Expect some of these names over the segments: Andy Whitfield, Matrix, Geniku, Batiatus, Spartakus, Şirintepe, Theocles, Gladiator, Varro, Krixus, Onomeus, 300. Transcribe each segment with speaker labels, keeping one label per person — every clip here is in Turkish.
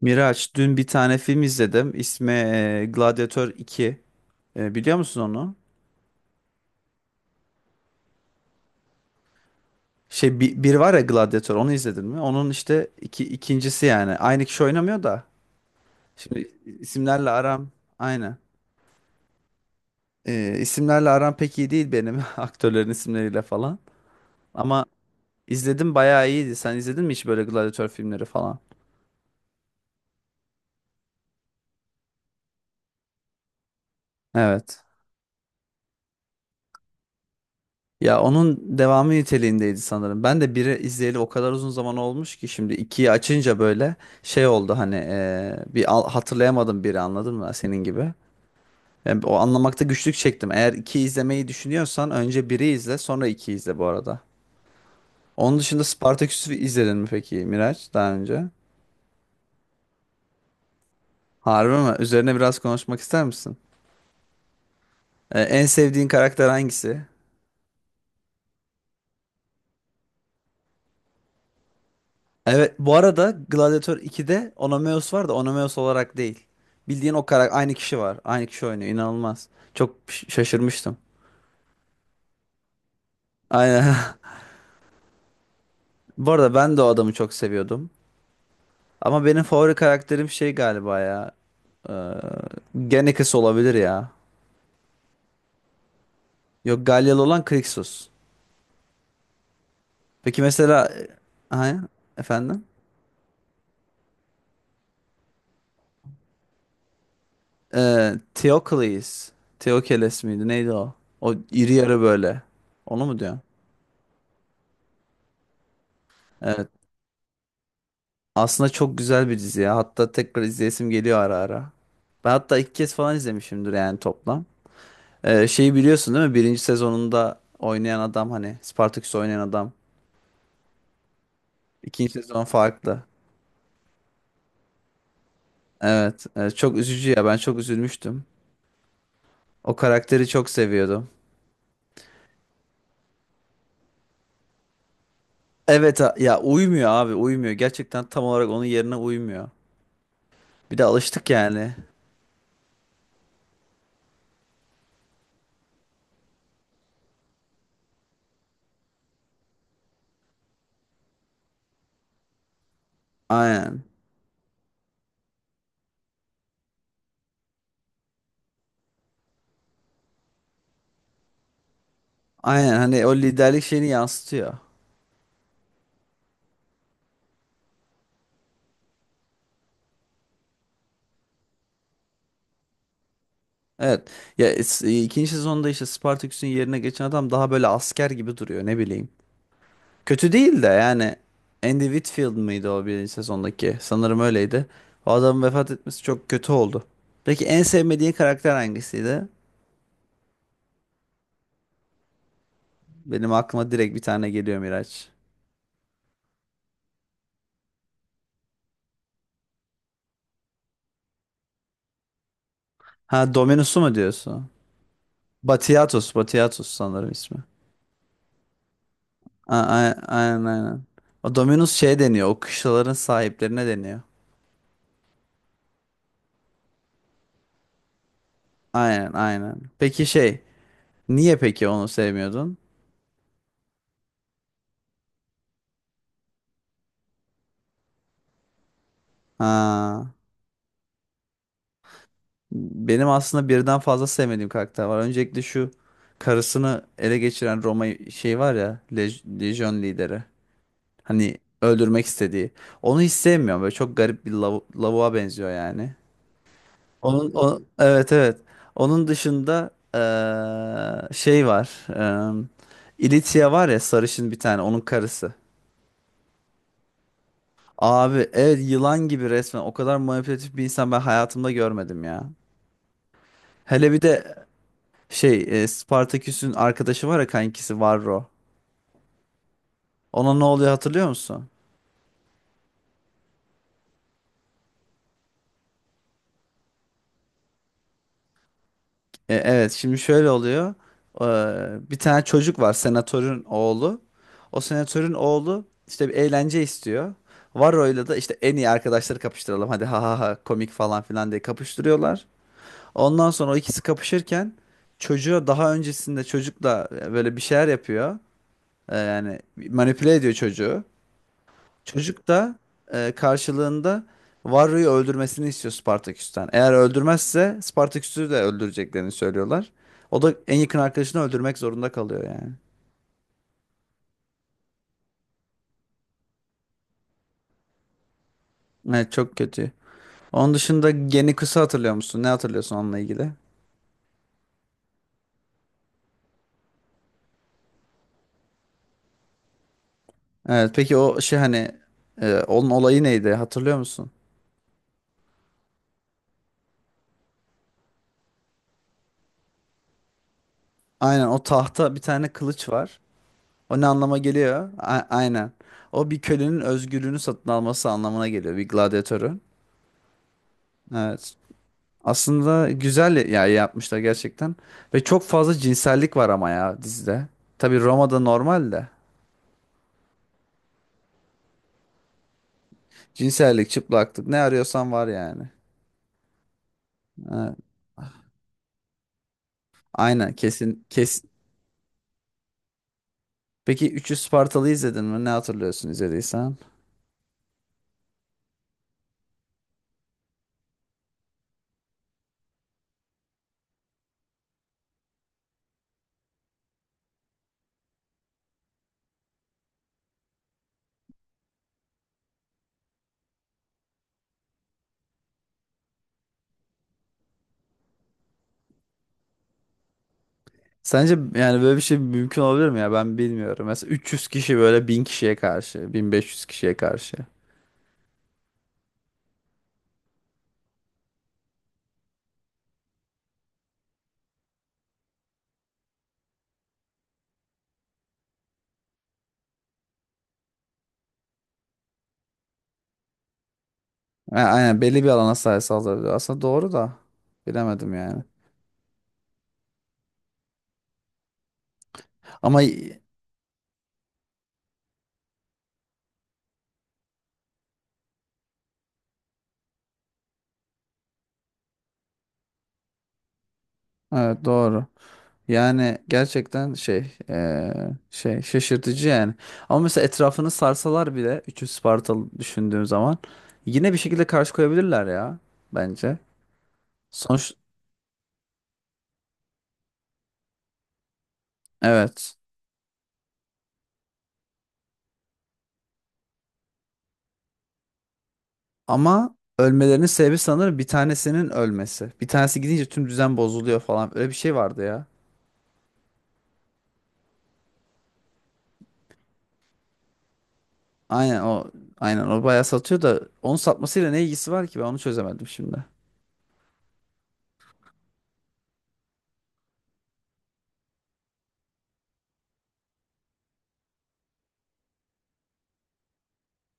Speaker 1: Miraç, dün bir tane film izledim. İsmi Gladiator 2. E, biliyor musun onu? Şey bir var ya, Gladiator onu izledin mi? Onun işte ikincisi yani. Aynı kişi oynamıyor da. Şimdi isimlerle aram aynı. E, isimlerle aram pek iyi değil benim aktörlerin isimleriyle falan. Ama izledim, bayağı iyiydi. Sen izledin mi hiç böyle Gladiator filmleri falan? Evet. Ya onun devamı niteliğindeydi sanırım. Ben de biri izleyeli o kadar uzun zaman olmuş ki şimdi ikiyi açınca böyle şey oldu hani, hatırlayamadım biri, anladın mı, senin gibi. Ben o anlamakta güçlük çektim. Eğer iki izlemeyi düşünüyorsan önce biri izle sonra iki izle bu arada. Onun dışında Spartaküs'ü izledin mi peki Miraç daha önce? Harbi mi? Üzerine biraz konuşmak ister misin? En sevdiğin karakter hangisi? Evet, bu arada Gladiator 2'de Onomeus var da Onomeus olarak değil. Bildiğin o karakter, aynı kişi var. Aynı kişi oynuyor. İnanılmaz. Çok şaşırmıştım. Aynen. Bu arada ben de o adamı çok seviyordum. Ama benim favori karakterim şey galiba ya. Ee, Genekis olabilir ya. Yok, Galyalı olan Krixus. Peki mesela, ha, efendim? Theocles. Theocles miydi? Neydi o? O iri yarı böyle. Onu mu diyorsun? Aslında çok güzel bir dizi ya. Hatta tekrar izleyesim geliyor ara ara. Ben hatta iki kez falan izlemişimdir yani toplam. Şeyi biliyorsun değil mi? Birinci sezonunda oynayan adam, hani Spartaküs oynayan adam. İkinci sezon farklı. Evet. Çok üzücü ya. Ben çok üzülmüştüm. O karakteri çok seviyordum. Evet, ya uymuyor abi, uymuyor. Gerçekten tam olarak onun yerine uymuyor. Bir de alıştık yani. Aynen. Aynen, hani o liderlik şeyini yansıtıyor. Evet. Ya ikinci sezonda işte Spartaküs'ün yerine geçen adam daha böyle asker gibi duruyor, ne bileyim. Kötü değil de yani, Andy Whitfield mıydı o birinci sezondaki? Sanırım öyleydi. O adamın vefat etmesi çok kötü oldu. Peki en sevmediğin karakter hangisiydi? Benim aklıma direkt bir tane geliyor Miraç. Ha, Dominus'u mu diyorsun? Batiatus, Batiatus sanırım ismi. Aynen aynen. O Dominus şey deniyor, o kışlaların sahiplerine deniyor. Aynen aynen. Peki şey, niye peki onu sevmiyordun? Ha. Benim aslında birden fazla sevmediğim karakter var. Öncelikle şu karısını ele geçiren Roma şey var ya, Lejyon lideri. Hani öldürmek istediği. Onu hiç sevmiyorum. Böyle çok garip bir lav lavuğa benziyor yani. Onun, evet evet. Onun dışında şey var. İlitia var ya, sarışın bir tane, onun karısı. Abi evet, yılan gibi resmen. O kadar manipülatif bir insan ben hayatımda görmedim ya. Hele bir de şey, Spartaküs'ün arkadaşı var ya, kankisi Varro. Ona ne oluyor hatırlıyor musun? E, evet, şimdi şöyle oluyor. Bir tane çocuk var, senatörün oğlu. O senatörün oğlu işte bir eğlence istiyor. Varro'yla da işte en iyi arkadaşları kapıştıralım. Hadi ha ha ha komik falan filan diye kapıştırıyorlar. Ondan sonra o ikisi kapışırken çocuğa, daha öncesinde çocukla böyle bir şeyler yapıyor. Yani manipüle ediyor çocuğu. Çocuk da karşılığında Varro'yu öldürmesini istiyor Spartaküs'ten. Eğer öldürmezse Spartaküs'ü de öldüreceklerini söylüyorlar. O da en yakın arkadaşını öldürmek zorunda kalıyor yani. Evet, çok kötü. Onun dışında Geniku'su, hatırlıyor musun? Ne hatırlıyorsun onunla ilgili? Evet peki, o şey hani, onun olayı neydi, hatırlıyor musun? Aynen, o tahta bir tane kılıç var. O ne anlama geliyor? Aynen. O bir kölenin özgürlüğünü satın alması anlamına geliyor, bir gladyatörün. Evet. Aslında güzel ya, yapmışlar gerçekten. Ve çok fazla cinsellik var ama ya dizide. Tabii Roma'da normal de. Cinsellik, çıplaklık, ne arıyorsan var yani. Ha, aynen, kesin kesin. Peki Üçü Spartalı izledin mi? Ne hatırlıyorsun izlediysen? Sence yani böyle bir şey mümkün olabilir mi ya? Ben bilmiyorum. Mesela 300 kişi böyle 1000 kişiye karşı, 1500 kişiye karşı. Ha, aynen, belli bir alana sahip saldırıyor. Aslında doğru da, bilemedim yani. Ama evet, doğru. Yani gerçekten şey, şey şaşırtıcı yani. Ama mesela etrafını sarsalar bile 300 Spartalı düşündüğüm zaman yine bir şekilde karşı koyabilirler ya, bence. Sonuç, evet. Ama ölmelerinin sebebi sanırım bir tanesinin ölmesi. Bir tanesi gidince tüm düzen bozuluyor falan. Öyle bir şey vardı ya. Aynen o. Aynen o bayağı satıyor da, onun satmasıyla ne ilgisi var ki, ben onu çözemedim şimdi.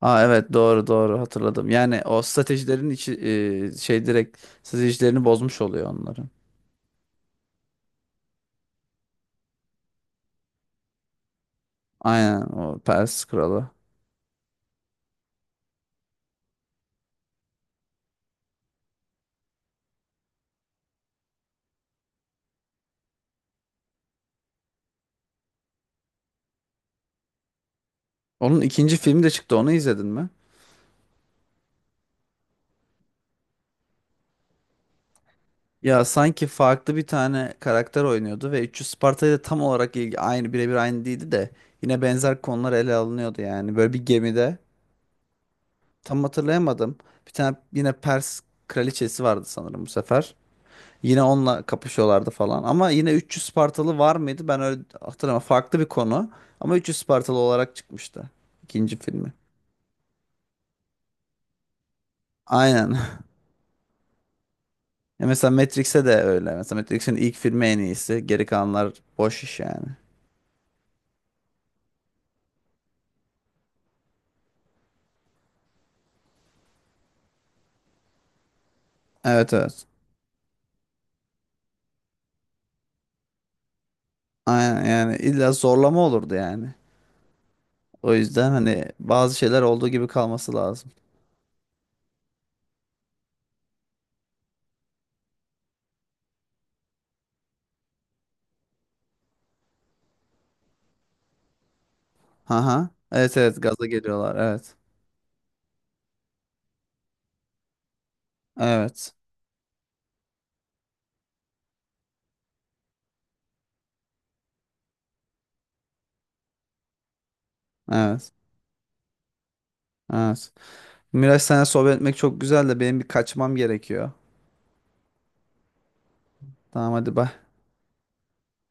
Speaker 1: Aa, evet, doğru doğru, hatırladım. Yani o stratejilerin içi, şey, direkt stratejilerini bozmuş oluyor onların. Aynen, o Pers Kralı. Onun ikinci filmi de çıktı, onu izledin mi? Ya sanki farklı bir tane karakter oynuyordu ve 300 Sparta'yı da tam olarak ilgi, aynı, birebir aynı değildi de yine benzer konular ele alınıyordu yani. Böyle bir gemide, tam hatırlayamadım. Bir tane yine Pers kraliçesi vardı sanırım bu sefer. Yine onunla kapışıyorlardı falan. Ama yine 300 Spartalı var mıydı? Ben öyle hatırlamıyorum. Farklı bir konu. Ama 300 Spartalı olarak çıkmıştı ikinci filmi. Aynen. Ya mesela Matrix'e de öyle. Mesela Matrix'in ilk filmi en iyisi. Geri kalanlar boş iş yani. Evet evet. Aynen, yani illa zorlama olurdu yani. O yüzden hani bazı şeyler olduğu gibi kalması lazım. Haha. Evet evet, gaza geliyorlar. Evet. Evet. Evet. Evet. Miraç, seninle sohbet etmek çok güzel de benim bir kaçmam gerekiyor. Tamam, hadi bay.